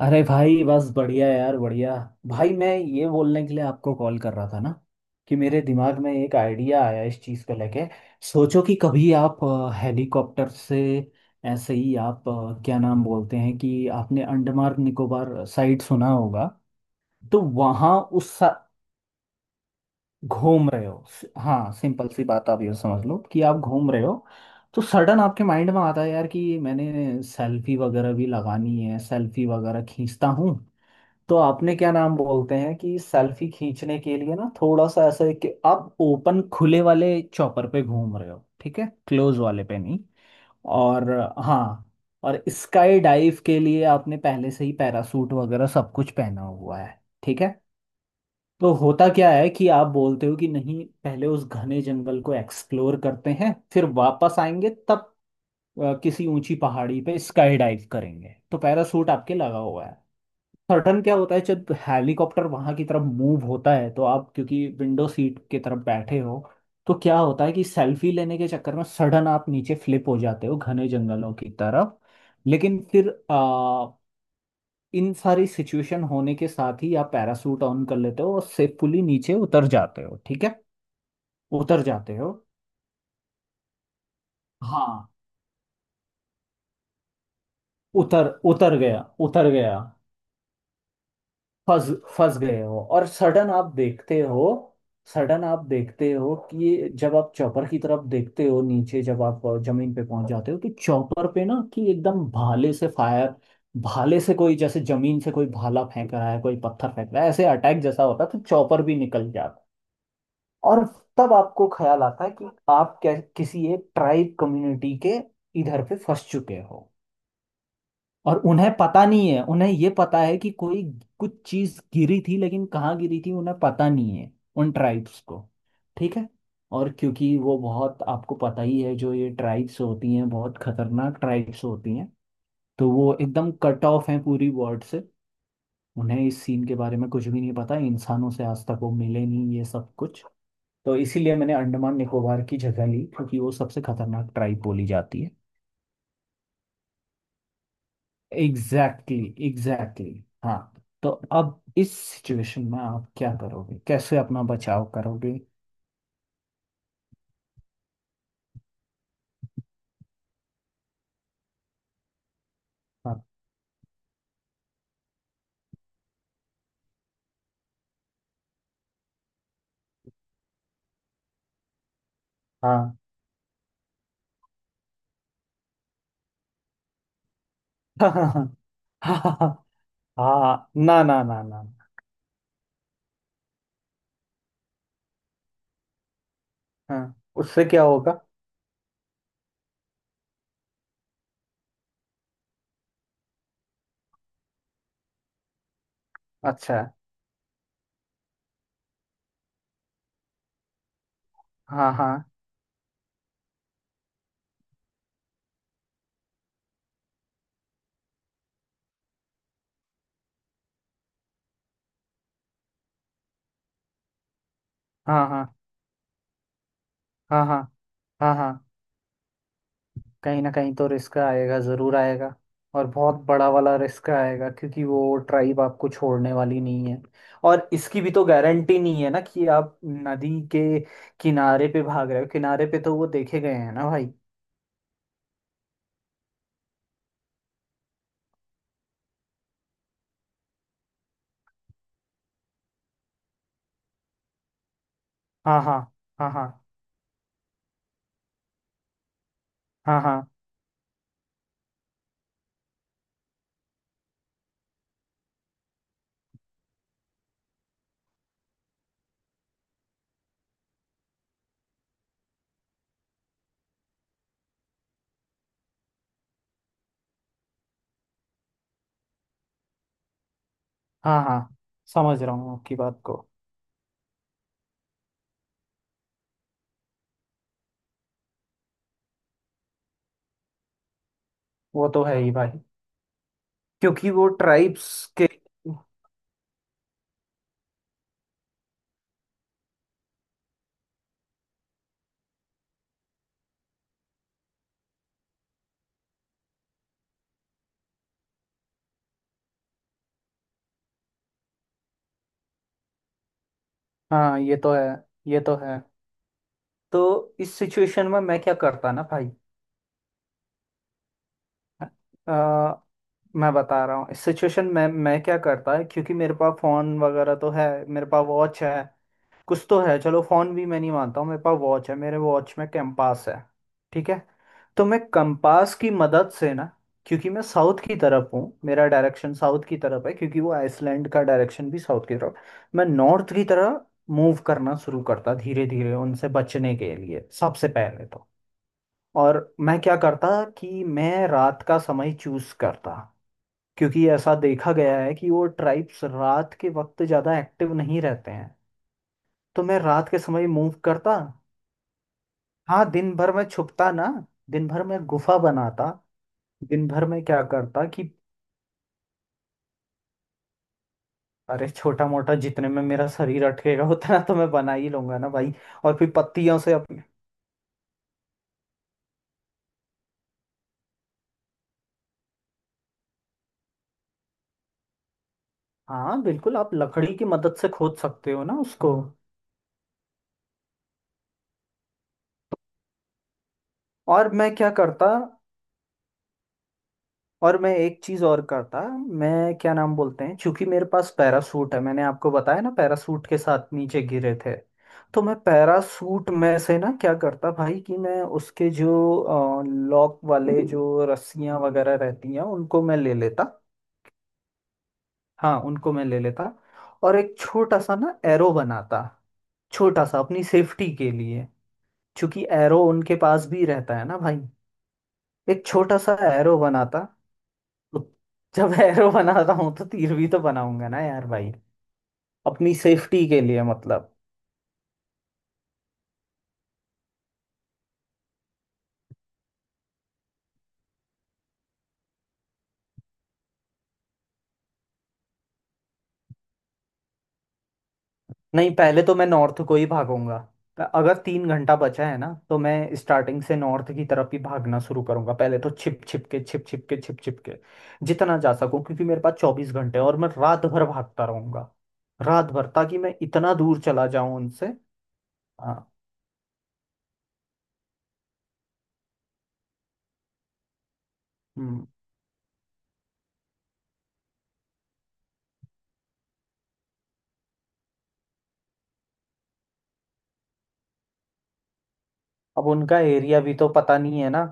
अरे भाई, बस बढ़िया यार, बढ़िया। भाई, मैं ये बोलने के लिए आपको कॉल कर रहा था ना कि मेरे दिमाग में एक आइडिया आया इस चीज़ को लेके। सोचो कि कभी आप हेलीकॉप्टर से ऐसे ही आप क्या नाम बोलते हैं कि आपने अंडमान निकोबार साइड सुना होगा। तो वहाँ घूम रहे हो हाँ, सिंपल सी बात, आप ये समझ लो कि आप घूम रहे हो। तो सडन आपके माइंड में आता है यार कि मैंने सेल्फी वगैरह भी लगानी है, सेल्फी वगैरह खींचता हूँ। तो आपने क्या नाम बोलते हैं कि सेल्फी खींचने के लिए ना थोड़ा सा ऐसा है कि आप ओपन खुले वाले चौपर पे घूम रहे हो, ठीक है, क्लोज वाले पे नहीं। और हाँ, और स्काई डाइव के लिए आपने पहले से ही पैरासूट वगैरह सब कुछ पहना हुआ है, ठीक है। तो होता क्या है कि आप बोलते हो कि नहीं, पहले उस घने जंगल को एक्सप्लोर करते हैं फिर वापस आएंगे, तब किसी ऊंची पहाड़ी पे स्काई डाइव करेंगे, तो पैरासूट आपके लगा हुआ है। सर्टन क्या होता है, जब हेलीकॉप्टर वहां की तरफ मूव होता है तो आप क्योंकि विंडो सीट की तरफ बैठे हो तो क्या होता है कि सेल्फी लेने के चक्कर में सडन आप नीचे फ्लिप हो जाते हो घने जंगलों की तरफ। लेकिन फिर इन सारी सिचुएशन होने के साथ ही आप पैरासूट ऑन कर लेते हो और सेफुली नीचे उतर जाते हो, ठीक है। उतर जाते हो, हाँ। उतर उतर गया, उतर गया। फंस फंस गए हो। और सडन आप देखते हो कि जब आप चौपर की तरफ देखते हो, नीचे जब आप जमीन पे पहुंच जाते हो, तो चौपर पे ना कि एकदम भाले से फायर, भाले से कोई, जैसे जमीन से कोई भाला फेंक रहा है, कोई पत्थर फेंक रहा है, ऐसे अटैक जैसा होता है, तो चौपर भी निकल जाता। और तब आपको ख्याल आता है कि आप क्या किसी एक ट्राइब कम्युनिटी के इधर पे फंस चुके हो। और उन्हें पता नहीं है, उन्हें ये पता है कि कोई कुछ चीज गिरी थी, लेकिन कहाँ गिरी थी उन्हें पता नहीं है, उन ट्राइब्स को, ठीक है। और क्योंकि वो बहुत, आपको पता ही है, जो ये ट्राइब्स होती हैं बहुत खतरनाक ट्राइब्स होती हैं, तो वो एकदम कट ऑफ हैं पूरी वर्ल्ड से। उन्हें इस सीन के बारे में कुछ भी नहीं पता, इंसानों से आज तक वो मिले नहीं, ये सब कुछ। तो इसीलिए मैंने अंडमान निकोबार की जगह ली क्योंकि वो सबसे खतरनाक ट्राइब बोली जाती है। एग्जैक्टली exactly, हाँ। तो अब इस सिचुएशन में आप क्या करोगे, कैसे अपना बचाव करोगे? हाँ हाँ। हाँ हाँ हाँ हाँ, ना ना ना ना। हाँ, उससे क्या होगा? अच्छा है। हाँ हाँ। हाँ हाँ। हाँ हाँ। हाँ हाँ। कहीं ना कहीं तो रिस्क आएगा, ज़रूर आएगा। और बहुत बड़ा वाला रिस्क आएगा क्योंकि वो ट्राइब आपको छोड़ने वाली नहीं है। और इसकी भी तो गारंटी नहीं है ना कि आप नदी के किनारे पे भाग रहे हो, किनारे पे तो वो देखे गए हैं ना भाई। हाँ हाँ। हाँ हाँ। हाँ हाँ। हाँ हाँ। समझ रहा हूँ आपकी बात को। वो तो है ही भाई। क्योंकि वो ट्राइब्स के, हाँ। ये तो है, ये तो है। तो इस सिचुएशन में मैं क्या करता ना भाई। आ, मैं बता रहा हूँ इस सिचुएशन में मैं क्या करता है। क्योंकि मेरे पास फोन वगैरह तो है, मेरे पास वॉच है, कुछ तो है। चलो फोन भी मैं नहीं मानता हूँ, मेरे पास वॉच है, मेरे वॉच में कंपास है, ठीक है। तो मैं कंपास की मदद से ना, क्योंकि मैं साउथ की तरफ हूँ, मेरा डायरेक्शन साउथ की तरफ है, क्योंकि वो आइसलैंड का डायरेक्शन भी साउथ की तरफ। मैं नॉर्थ की तरह मूव करना शुरू करता धीरे धीरे उनसे बचने के लिए सबसे पहले तो। और मैं क्या करता कि मैं रात का समय चूज करता, क्योंकि ऐसा देखा गया है कि वो ट्राइब्स रात के वक्त ज़्यादा एक्टिव नहीं रहते हैं, तो मैं रात के समय मूव करता। हाँ, दिन भर मैं छुपता ना, दिन भर मैं गुफा बनाता। दिन भर में क्या करता कि अरे छोटा मोटा, जितने में मेरा शरीर अटकेगा उतना तो मैं बना ही लूंगा ना भाई। और फिर पत्तियों से अपने, हाँ बिल्कुल, आप लकड़ी की मदद से खोद सकते हो ना उसको। और मैं क्या करता, और मैं एक चीज और करता, मैं क्या नाम बोलते हैं, क्योंकि मेरे पास पैरासूट है, मैंने आपको बताया ना पैरासूट के साथ नीचे गिरे थे, तो मैं पैरासूट में से ना क्या करता भाई कि मैं उसके जो लॉक वाले, जो रस्सियां वगैरह रहती हैं, उनको मैं ले लेता। हाँ, उनको मैं ले लेता और एक छोटा सा ना एरो बनाता, छोटा सा अपनी सेफ्टी के लिए, क्योंकि एरो उनके पास भी रहता है ना भाई। एक छोटा सा एरो बनाता। जब एरो बनाता हूँ तो तीर भी तो बनाऊंगा ना यार भाई, अपनी सेफ्टी के लिए मतलब। नहीं, पहले तो मैं नॉर्थ को ही भागूंगा। अगर तीन घंटा बचा है ना तो मैं स्टार्टिंग से नॉर्थ की तरफ ही भागना शुरू करूंगा, पहले तो छिप छिप के छिप छिप के छिप छिप के, जितना जा सकूं, क्योंकि मेरे पास चौबीस घंटे हैं और मैं रात भर भागता रहूंगा, रात भर, ताकि मैं इतना दूर चला जाऊं उनसे। हाँ। हम्म। अब उनका एरिया भी तो पता नहीं है ना।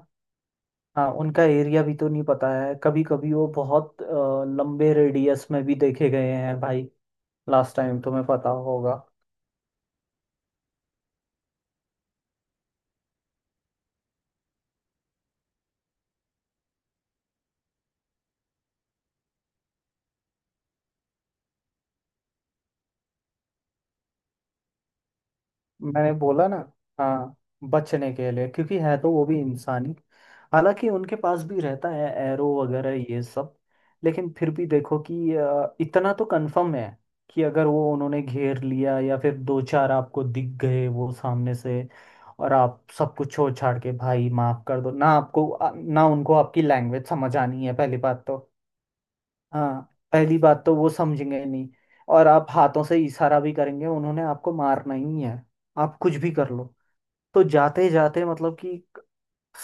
हाँ, उनका एरिया भी तो नहीं पता है, कभी कभी वो बहुत लंबे रेडियस में भी देखे गए हैं भाई। लास्ट टाइम तुम्हें पता होगा। मैंने बोला ना, हाँ, बचने के लिए क्योंकि है तो वो भी इंसानी। हालांकि उनके पास भी रहता है एरो वगैरह ये सब, लेकिन फिर भी देखो कि इतना तो कंफर्म है कि अगर वो उन्होंने घेर लिया या फिर दो चार आपको दिख गए वो सामने से, और आप सब कुछ छोड़ छाड़ के भाई माफ कर दो ना आपको, ना उनको आपकी लैंग्वेज समझ आनी है पहली बात तो। हाँ। पहली बात तो वो समझेंगे नहीं, और आप हाथों से इशारा भी करेंगे उन्होंने आपको मारना ही है, आप कुछ भी कर लो। तो जाते जाते मतलब कि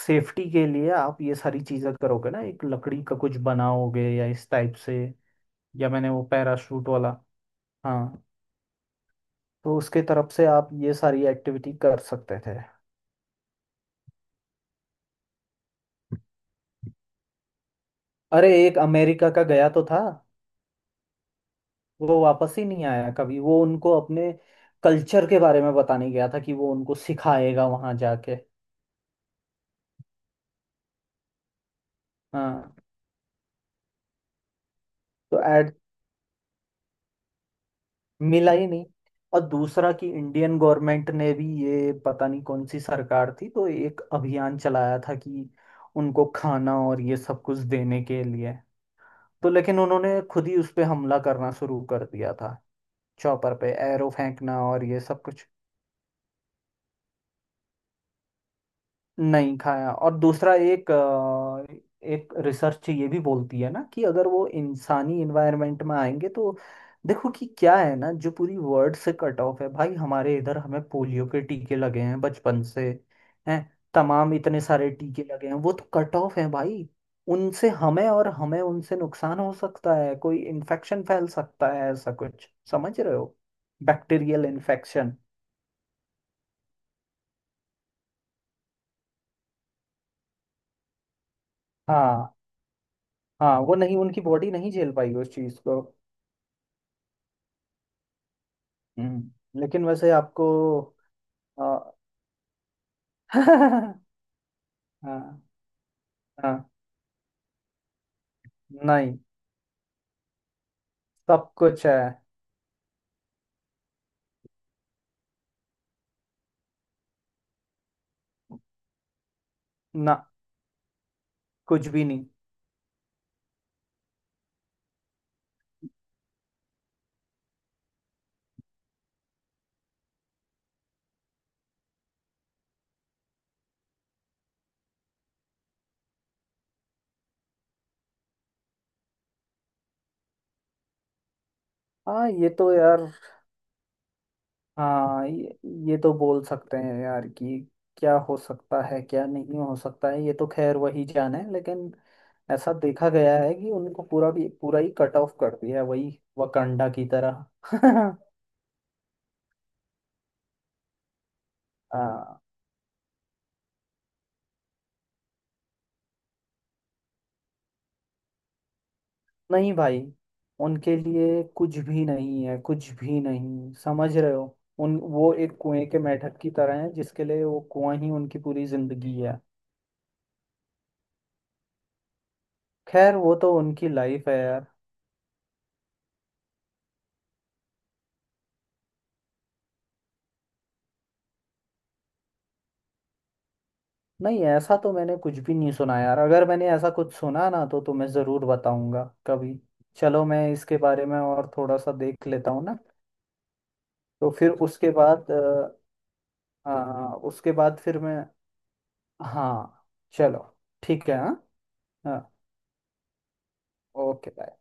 सेफ्टी के लिए आप ये सारी चीजें करोगे ना, एक लकड़ी का कुछ बनाओगे या इस टाइप से। या मैंने वो पैराशूट वाला, हाँ, तो उसके तरफ से आप ये सारी एक्टिविटी कर सकते थे। अरे एक अमेरिका का गया तो था, वो वापस ही नहीं आया कभी, वो उनको अपने कल्चर के बारे में बताने गया था कि वो उनको सिखाएगा वहां जाके। हाँ। तो ऐड मिला ही नहीं। और दूसरा कि इंडियन गवर्नमेंट ने भी, ये पता नहीं कौन सी सरकार थी, तो एक अभियान चलाया था कि उनको खाना और ये सब कुछ देने के लिए, तो लेकिन उन्होंने खुद ही उस पे हमला करना शुरू कर दिया था, चॉपर पे एरो फेंकना और ये सब कुछ। नहीं खाया। और दूसरा एक एक रिसर्च ये भी बोलती है ना कि अगर वो इंसानी इन्वायरमेंट में आएंगे तो, देखो कि क्या है ना, जो पूरी वर्ल्ड से कट ऑफ है भाई, हमारे इधर हमें पोलियो के टीके लगे हैं बचपन से, हैं तमाम इतने सारे टीके लगे हैं, वो तो कट ऑफ है भाई। उनसे हमें और हमें उनसे नुकसान हो सकता है, कोई इन्फेक्शन फैल सकता है, ऐसा कुछ, समझ रहे हो? Bacterial infection. हाँ हाँ, वो नहीं उनकी बॉडी नहीं झेल पाई उस चीज को। हम्म, लेकिन वैसे आपको, आ, हाँ हाँ। नहीं, सब कुछ है ना, कुछ भी नहीं। हाँ ये तो यार। हाँ ये तो बोल सकते हैं यार कि क्या हो सकता है, क्या नहीं हो सकता है, ये तो खैर वही जाने, लेकिन ऐसा देखा गया है कि उनको पूरा भी पूरा ही कट ऑफ कर दिया है वही वकांडा की तरह। हाँ। नहीं भाई, उनके लिए कुछ भी नहीं है, कुछ भी नहीं, समझ रहे हो? उन वो एक कुएं के मेंढक की तरह है जिसके लिए वो कुआं ही उनकी पूरी जिंदगी है। खैर वो तो उनकी लाइफ है यार। नहीं ऐसा तो मैंने कुछ भी नहीं सुना यार, अगर मैंने ऐसा कुछ सुना ना तो तुम्हें जरूर बताऊंगा कभी। चलो मैं इसके बारे में और थोड़ा सा देख लेता हूँ ना। तो फिर उसके बाद उसके बाद फिर मैं, हाँ, चलो, ठीक है, हाँ, हाँ, ओके, बाय।